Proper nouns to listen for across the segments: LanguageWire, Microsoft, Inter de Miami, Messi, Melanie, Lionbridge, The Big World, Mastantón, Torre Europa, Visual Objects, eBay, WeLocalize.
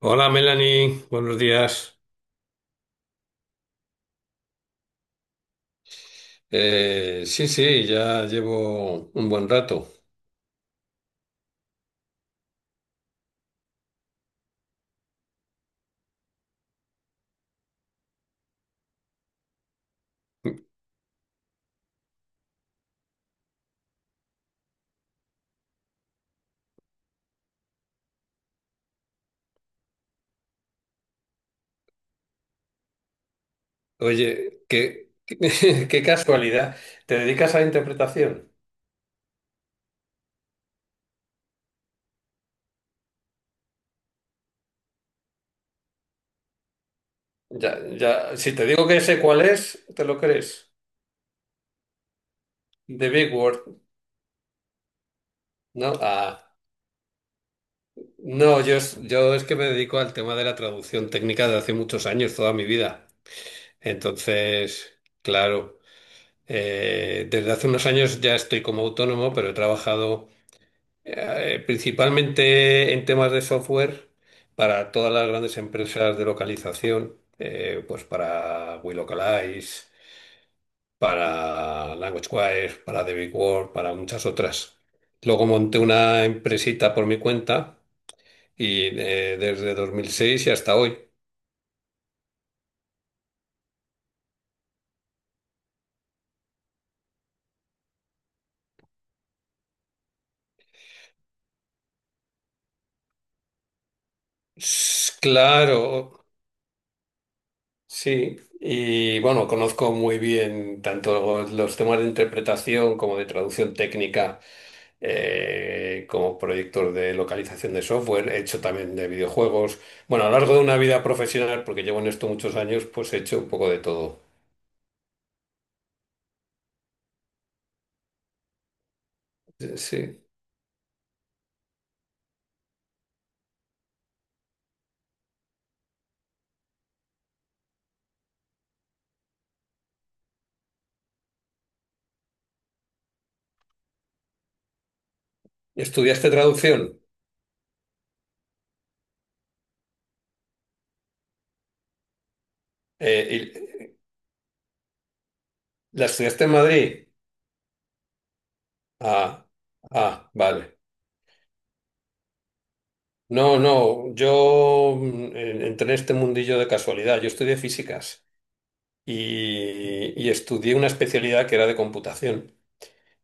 Hola Melanie, buenos días. Sí, sí, ya llevo un buen rato. Oye, qué casualidad. ¿Te dedicas a la interpretación? Ya, ya, si te digo que sé cuál es, ¿te lo crees? The Big Word, ¿no? Ah. No, yo, yo es que me dedico al tema de la traducción técnica de hace muchos años, toda mi vida. Entonces, claro, desde hace unos años ya estoy como autónomo, pero he trabajado principalmente en temas de software para todas las grandes empresas de localización, pues para WeLocalize, para LanguageWire, para The Big World, para muchas otras. Luego monté una empresita por mi cuenta y desde 2006 y hasta hoy. Claro, sí. Y bueno, conozco muy bien tanto los temas de interpretación como de traducción técnica como proyectos de localización de software, he hecho también de videojuegos. Bueno, a lo largo de una vida profesional, porque llevo en esto muchos años, pues he hecho un poco de todo. Sí. ¿Estudiaste traducción? Eh, y- ¿La estudiaste en Madrid? Ah, ah, vale. No, no, yo entré en este mundillo de casualidad. Yo estudié físicas y estudié una especialidad que era de computación.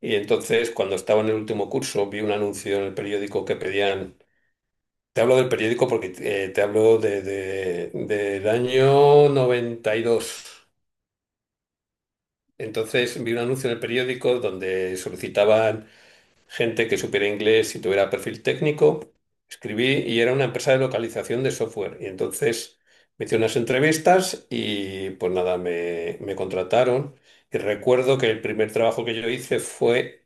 Y entonces, cuando estaba en el último curso, vi un anuncio en el periódico que pedían. Te hablo del periódico porque te hablo del año 92. Entonces vi un anuncio en el periódico donde solicitaban gente que supiera inglés y tuviera perfil técnico. Escribí y era una empresa de localización de software. Y entonces me hice unas entrevistas y pues nada, me contrataron. Y recuerdo que el primer trabajo que yo hice fue,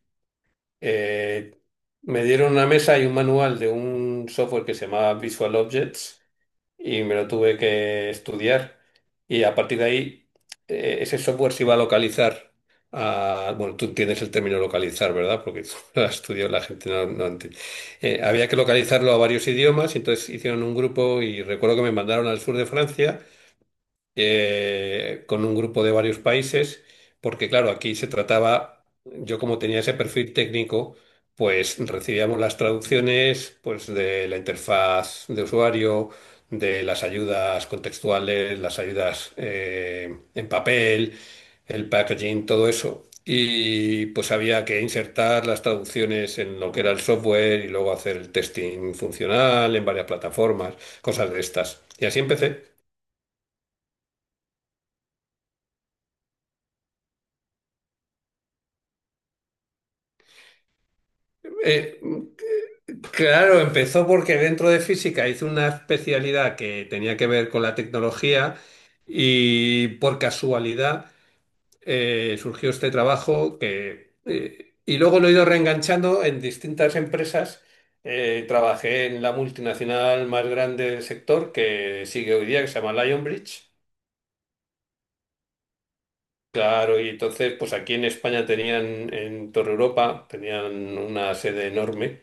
eh, me dieron una mesa y un manual de un software que se llamaba Visual Objects y me lo tuve que estudiar. Y a partir de ahí, ese software se iba a localizar. Bueno, tú entiendes el término localizar, ¿verdad? Porque tú lo has estudiado, la gente no entiende. Había que localizarlo a varios idiomas, y entonces hicieron un grupo y recuerdo que me mandaron al sur de Francia con un grupo de varios países, porque claro, aquí se trataba, yo como tenía ese perfil técnico, pues recibíamos las traducciones pues de la interfaz de usuario, de las ayudas contextuales, las ayudas en papel, el packaging, todo eso. Y pues había que insertar las traducciones en lo que era el software y luego hacer el testing funcional en varias plataformas, cosas de estas. Y así empecé. Eh, claro, empezó porque dentro de física hice una especialidad que tenía que ver con la tecnología y por casualidad surgió este trabajo que, y luego lo he ido reenganchando en distintas empresas. Trabajé en la multinacional más grande del sector que sigue hoy día, que se llama Lionbridge. Claro, y entonces, pues aquí en España tenían, en Torre Europa, tenían una sede enorme.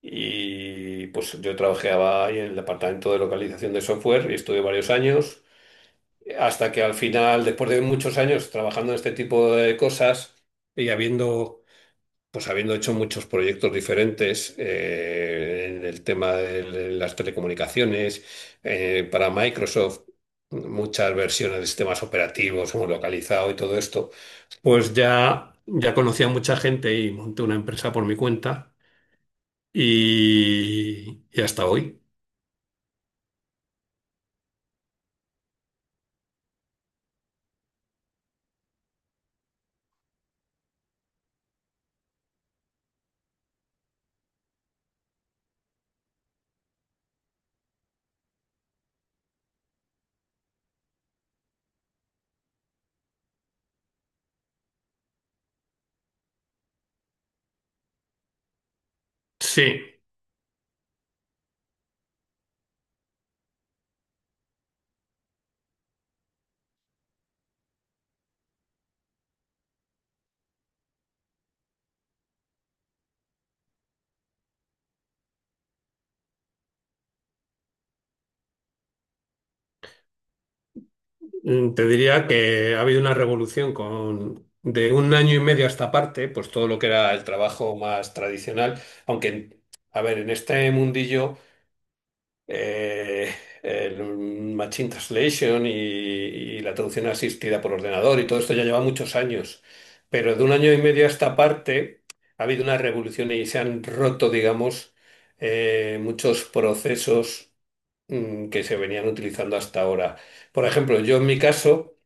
Y pues yo trabajaba ahí en el departamento de localización de software y estuve varios años, hasta que al final, después de muchos años trabajando en este tipo de cosas y pues habiendo hecho muchos proyectos diferentes en el tema de las telecomunicaciones, para Microsoft, muchas versiones de sistemas operativos, hemos localizado y todo esto, pues ya, ya conocía a mucha gente y monté una empresa por mi cuenta. Y hasta hoy. Sí, te diría que ha habido una revolución con de un año y medio a esta parte, pues todo lo que era el trabajo más tradicional, aunque, a ver, en este mundillo eh, el machine translation y la traducción asistida por ordenador y todo esto ya lleva muchos años, pero de un año y medio a esta parte ha habido una revolución y se han roto, digamos, muchos procesos que se venían utilizando hasta ahora. Por ejemplo, yo en mi caso,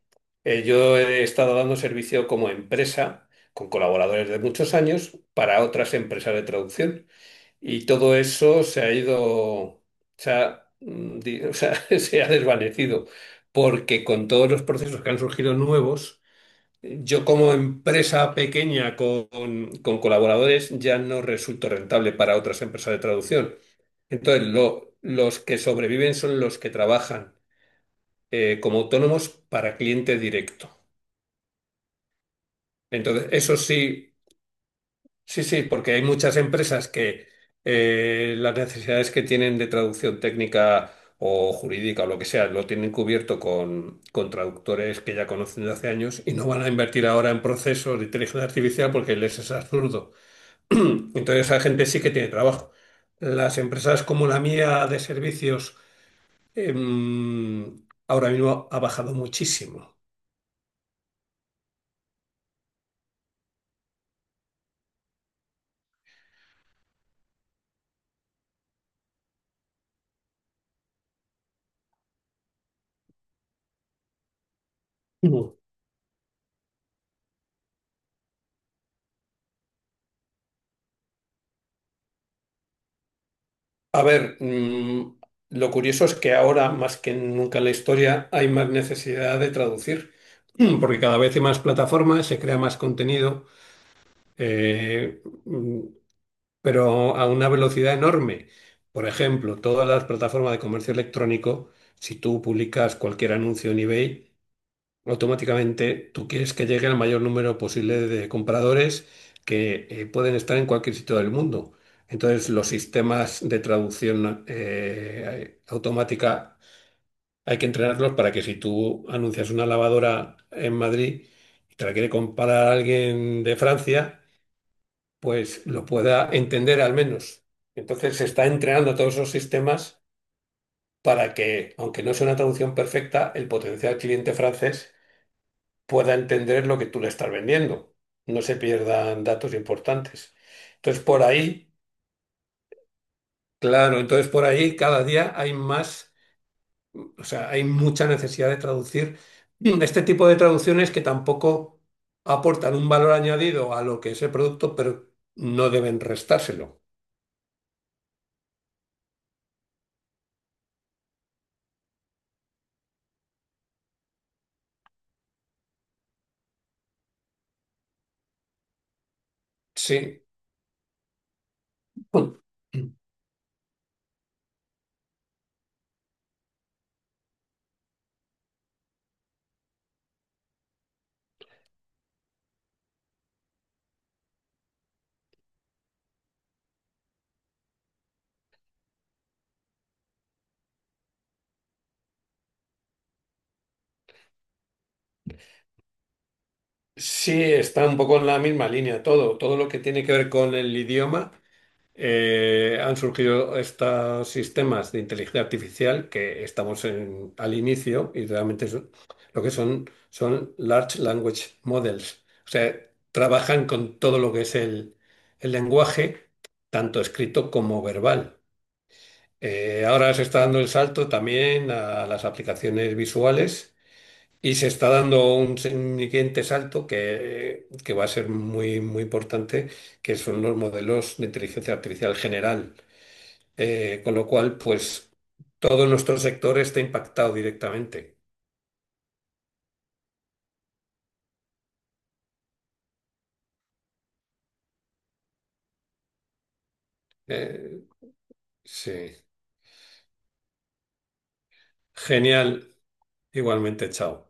yo he estado dando servicio como empresa con colaboradores de muchos años para otras empresas de traducción y todo eso se ha ido, se ha, mm, di- o sea, se ha desvanecido porque con todos los procesos que han surgido nuevos, yo como empresa pequeña con colaboradores ya no resulto rentable para otras empresas de traducción. Entonces, los que sobreviven son los que trabajan como autónomos para cliente directo. Entonces, eso sí, sí, sí, porque hay muchas empresas que las necesidades que tienen de traducción técnica o jurídica o lo que sea, lo tienen cubierto con traductores que ya conocen de hace años y no van a invertir ahora en procesos de inteligencia artificial porque les es absurdo. Entonces, esa gente sí que tiene trabajo. Las empresas como la mía de servicios em, ahora mismo ha bajado muchísimo. Ujú. A ver, lo curioso es que ahora, más que nunca en la historia, hay más necesidad de traducir, porque cada vez hay más plataformas, se crea más contenido, eh, mm, pero a una velocidad enorme. Por ejemplo, todas las plataformas de comercio electrónico, si tú publicas cualquier anuncio en eBay, automáticamente tú quieres que llegue al mayor número posible de compradores que pueden estar en cualquier sitio del mundo. Entonces, los sistemas de traducción automática hay que entrenarlos para que si tú anuncias una lavadora en Madrid y te la quiere comprar alguien de Francia, pues lo pueda entender al menos. Entonces, se está entrenando todos esos sistemas para que, aunque no sea una traducción perfecta, el potencial cliente francés pueda entender lo que tú le estás vendiendo, no se pierdan datos importantes. Entonces, por ahí, claro, entonces por ahí cada día hay más, o sea, hay mucha necesidad de traducir este tipo de traducciones que tampoco aportan un valor añadido a lo que es el producto, pero no deben restárselo. Sí. Sí, está un poco en la misma línea todo, todo lo que tiene que ver con el idioma han surgido estos sistemas de inteligencia artificial que estamos al inicio y realmente lo que son son large language models. O sea, trabajan con todo lo que es el lenguaje, tanto escrito como verbal. Ahora se está dando el salto también a las aplicaciones visuales. Y se está dando un un siguiente salto que va a ser muy importante, que son los modelos de inteligencia artificial general. Con lo cual, pues todo nuestro sector está impactado directamente. Eh, sí. Genial. Igualmente, chao.